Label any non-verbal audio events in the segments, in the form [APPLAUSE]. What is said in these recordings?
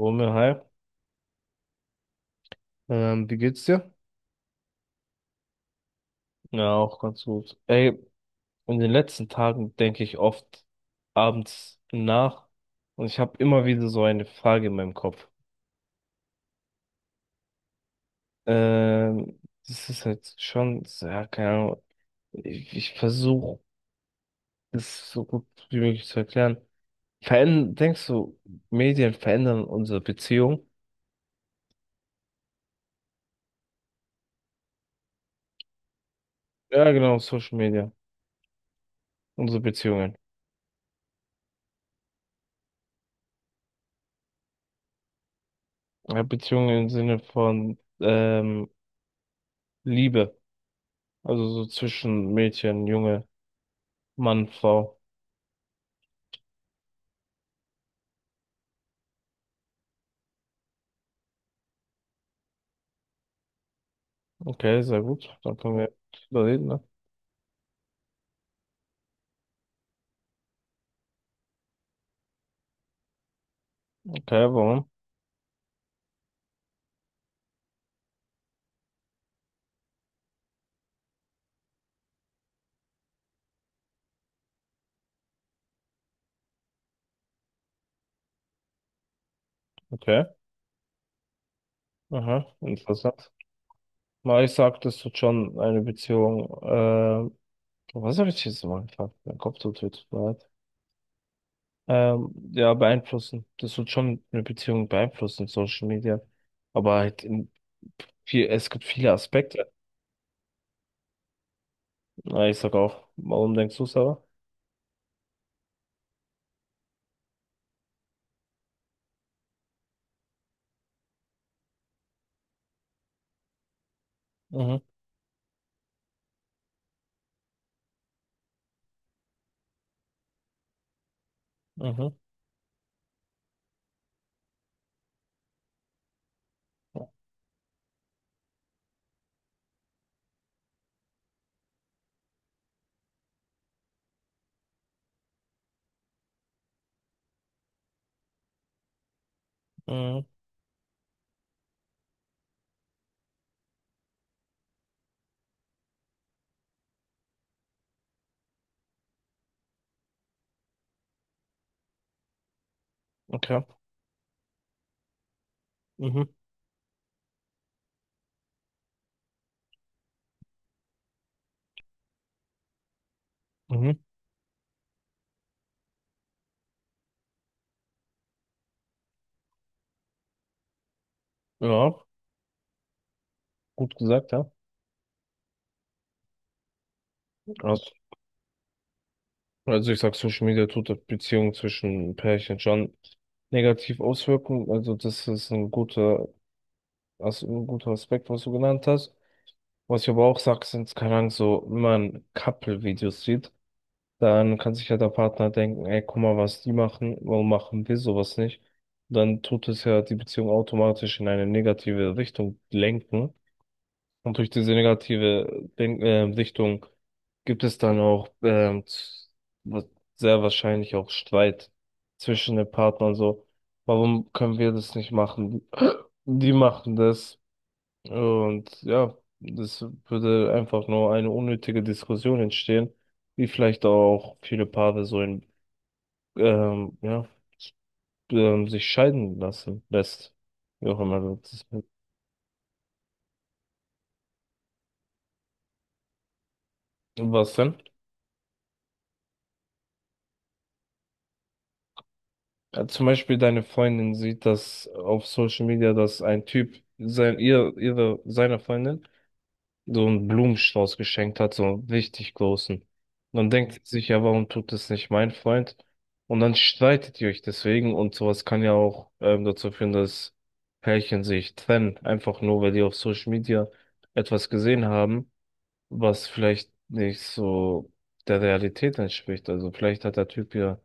Romeo, hi. Wie geht's dir? Ja, auch ganz gut. Ey, in den letzten Tagen denke ich oft abends nach und ich habe immer wieder so eine Frage in meinem Kopf. Ähm, Das ist halt schon, so, ja, keine Ahnung. Ich versuche, das so gut wie möglich zu erklären. Verändern, denkst du, Medien verändern unsere Beziehung? Ja, genau, Social Media, unsere Beziehungen. Ja, Beziehungen im Sinne von Liebe. Also so zwischen Mädchen, Junge, Mann, Frau. Okay, sehr gut. Dann können wir drüber reden, ne? Okay, warum? Okay. Aha, interessant. Na, ich sag, das tut schon eine Beziehung. Was habe ich jetzt mal gefragt? Mein Kopf tut weh, tut mir leid. Ja, beeinflussen. Das tut schon eine Beziehung beeinflussen, Social Media. Aber halt in viel, es gibt viele Aspekte. Na, ich sag auch, warum denkst du, Sarah? Mhm, mhm, mhm, okay. Mhm, mhm, ja, gut gesagt, ja. Also, also ich sag, Social Media tut der Beziehung zwischen Pärchen schon negativ auswirken. Also das ist ein guter, also ein guter Aspekt, was du genannt hast. Was ich aber auch sag, sind, keine Ahnung, so, wenn man Couple-Videos sieht, dann kann sich ja der Partner denken, ey, guck mal, was die machen, warum machen wir sowas nicht? Dann tut es ja die Beziehung automatisch in eine negative Richtung lenken. Und durch diese negative Denk Sichtung gibt es dann auch wa- sehr wahrscheinlich auch Streit zwischen den Partnern so. Warum können wir das nicht machen? [CLEARS THROAT] Die machen das. Und ja, das würde einfach nur eine unnötige Diskussion entstehen, die vielleicht auch viele Paare ähm, ja, sich scheiden lassen lässt. Wie auch immer das ist. Was denn? Zum Beispiel deine Freundin sieht das auf Social Media, dass ein Typ ihre, seiner Freundin so einen Blumenstrauß geschenkt hat, so einen richtig großen. Und dann denkt sie sich, ja, warum tut das nicht mein Freund? Und dann streitet ihr euch deswegen und sowas kann ja auch dazu führen, dass Pärchen sich trennen, einfach nur, weil die auf Social Media etwas gesehen haben, was vielleicht nicht so der Realität entspricht. Also vielleicht hat der Typ ihr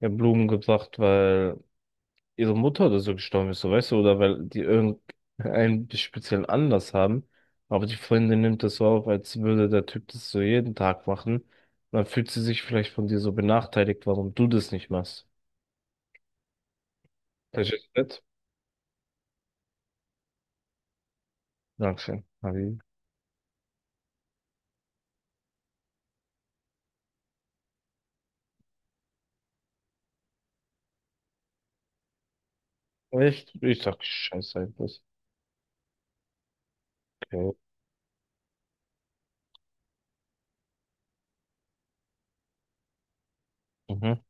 ja Blumen gebracht, weil ihre Mutter oder so gestorben ist, so weißt du, oder weil die irgendeinen speziellen Anlass haben. Aber die Freundin nimmt das so auf, als würde der Typ das so jeden Tag machen. Und dann fühlt sie sich vielleicht von dir so benachteiligt, warum du das nicht machst. Verstehst du das? Dankeschön. Harry. Echt? Ich sag Scheiße einfach. Okay. Mhm.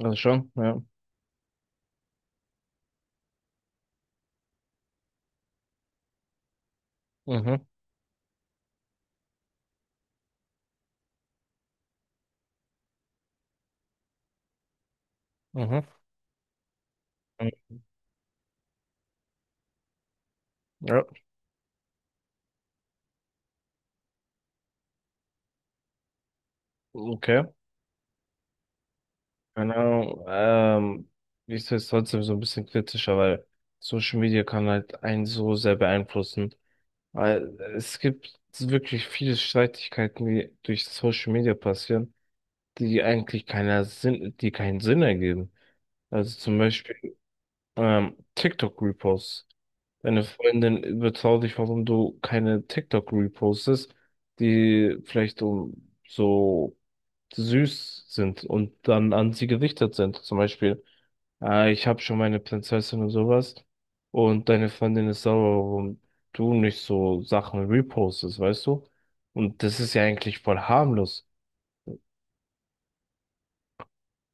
Also schon, ja. Mhm. Mhm. Mhm. Ja. Okay. Genau. Ich sehe es trotzdem so ein bisschen kritischer, weil Social Media kann halt einen so sehr beeinflussen. Weil es gibt so wirklich viele Streitigkeiten, die durch Social Media passieren, die eigentlich die keinen Sinn ergeben. Also zum Beispiel TikTok-Reposts. Deine Freundin überzeugt dich, warum du keine TikTok repostest, die vielleicht um so süß sind und dann an sie gerichtet sind. Zum Beispiel, ich habe schon meine Prinzessin und sowas und deine Freundin ist sauer, warum du nicht so Sachen repostest, weißt du? Und das ist ja eigentlich voll harmlos.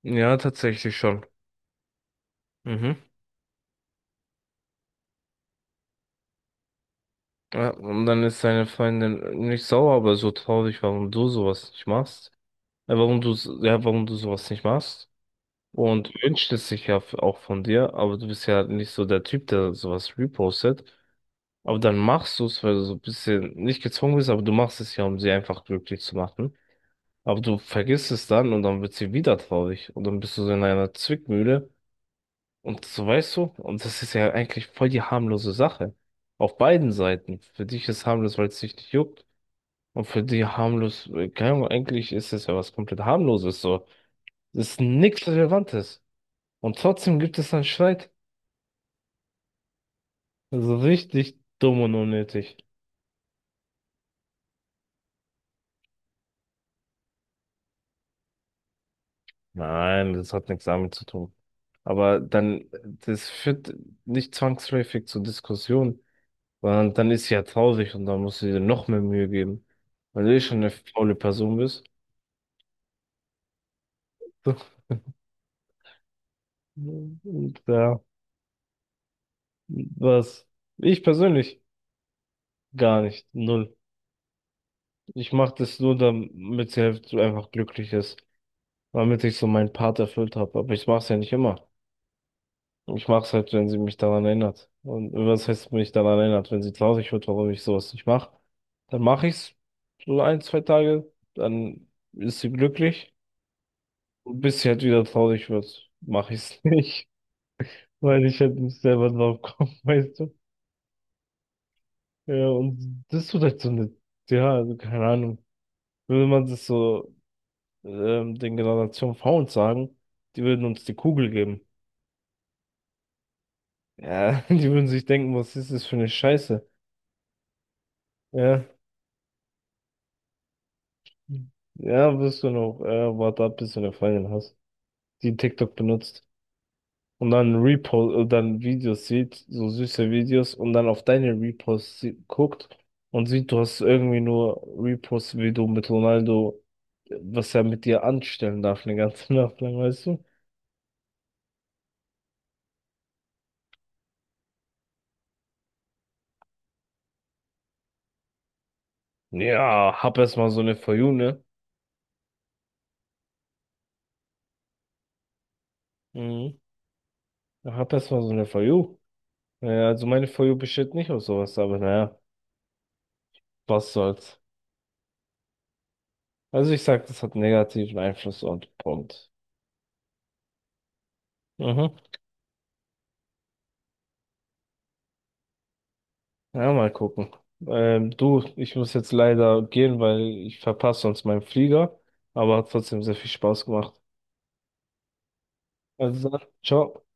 Ja, tatsächlich schon. Mhm. Ja, und dann ist deine Freundin nicht sauer, aber so traurig, warum du sowas nicht machst. Ja, warum du sowas nicht machst. Und wünscht es sich ja auch von dir, aber du bist ja nicht so der Typ, der sowas repostet. Aber dann machst du es, weil du so ein bisschen nicht gezwungen bist, aber du machst es ja, um sie einfach glücklich zu machen. Aber du vergisst es dann und dann wird sie wieder traurig. Und dann bist du so in einer Zwickmühle. Und so weißt du, und das ist ja eigentlich voll die harmlose Sache. Auf beiden Seiten. Für dich ist harmlos, weil es dich nicht juckt. Und für die harmlos, keine Ahnung, eigentlich ist es ja was komplett harmloses so. Das ist nichts Relevantes. Und trotzdem gibt es einen Streit. Also richtig dumm und unnötig. Nein, das hat nichts damit zu tun. Aber dann, das führt nicht zwangsläufig zur Diskussion, sondern dann ist sie ja traurig und dann musst du dir noch mehr Mühe geben, weil du eh schon eine faule Person bist. [LAUGHS] Und ja, was? Ich persönlich gar nicht, null. Ich mache das nur, damit sie halt so einfach glücklich ist, damit ich so meinen Part erfüllt habe. Aber ich mache es ja nicht immer. Ich mache es halt, wenn sie mich daran erinnert. Und was heißt mich daran erinnert? Wenn sie traurig wird, warum ich sowas nicht mache, dann mache ich's so ein, zwei Tage, dann ist sie glücklich. Und bis sie halt wieder traurig wird, mache ich's [LAUGHS] nicht, weil ich halt nicht selber drauf komme, [LAUGHS] weißt du? Ja, und das tut halt so eine, ja, also keine Ahnung. Würde man das so den Generation V uns sagen, die würden uns die Kugel geben. Ja, [LAUGHS] die würden sich denken, was ist das für eine Scheiße? Ja. Ja, wirst du noch, warte ab, bis du eine Freundin hast, die TikTok benutzt und dann dann Videos sieht, so süße Videos und dann auf deine Reposts guckt und sieht, du hast irgendwie nur Reposts, wie du mit Ronaldo, was er mit dir anstellen darf, eine ganze [LAUGHS] Nacht lang, weißt du? Ja, hab erst mal so eine For You, ne? Mhm. Hab erst mal so eine For You. Ja, also meine For You besteht nicht aus sowas, aber naja, was soll's. Also ich sag, das hat negativen Einfluss und Punkt. Mhm. Ja, mal gucken. Du, ich muss jetzt leider gehen, weil ich verpasse sonst meinen Flieger, aber hat trotzdem sehr viel Spaß gemacht. Also dann, ciao.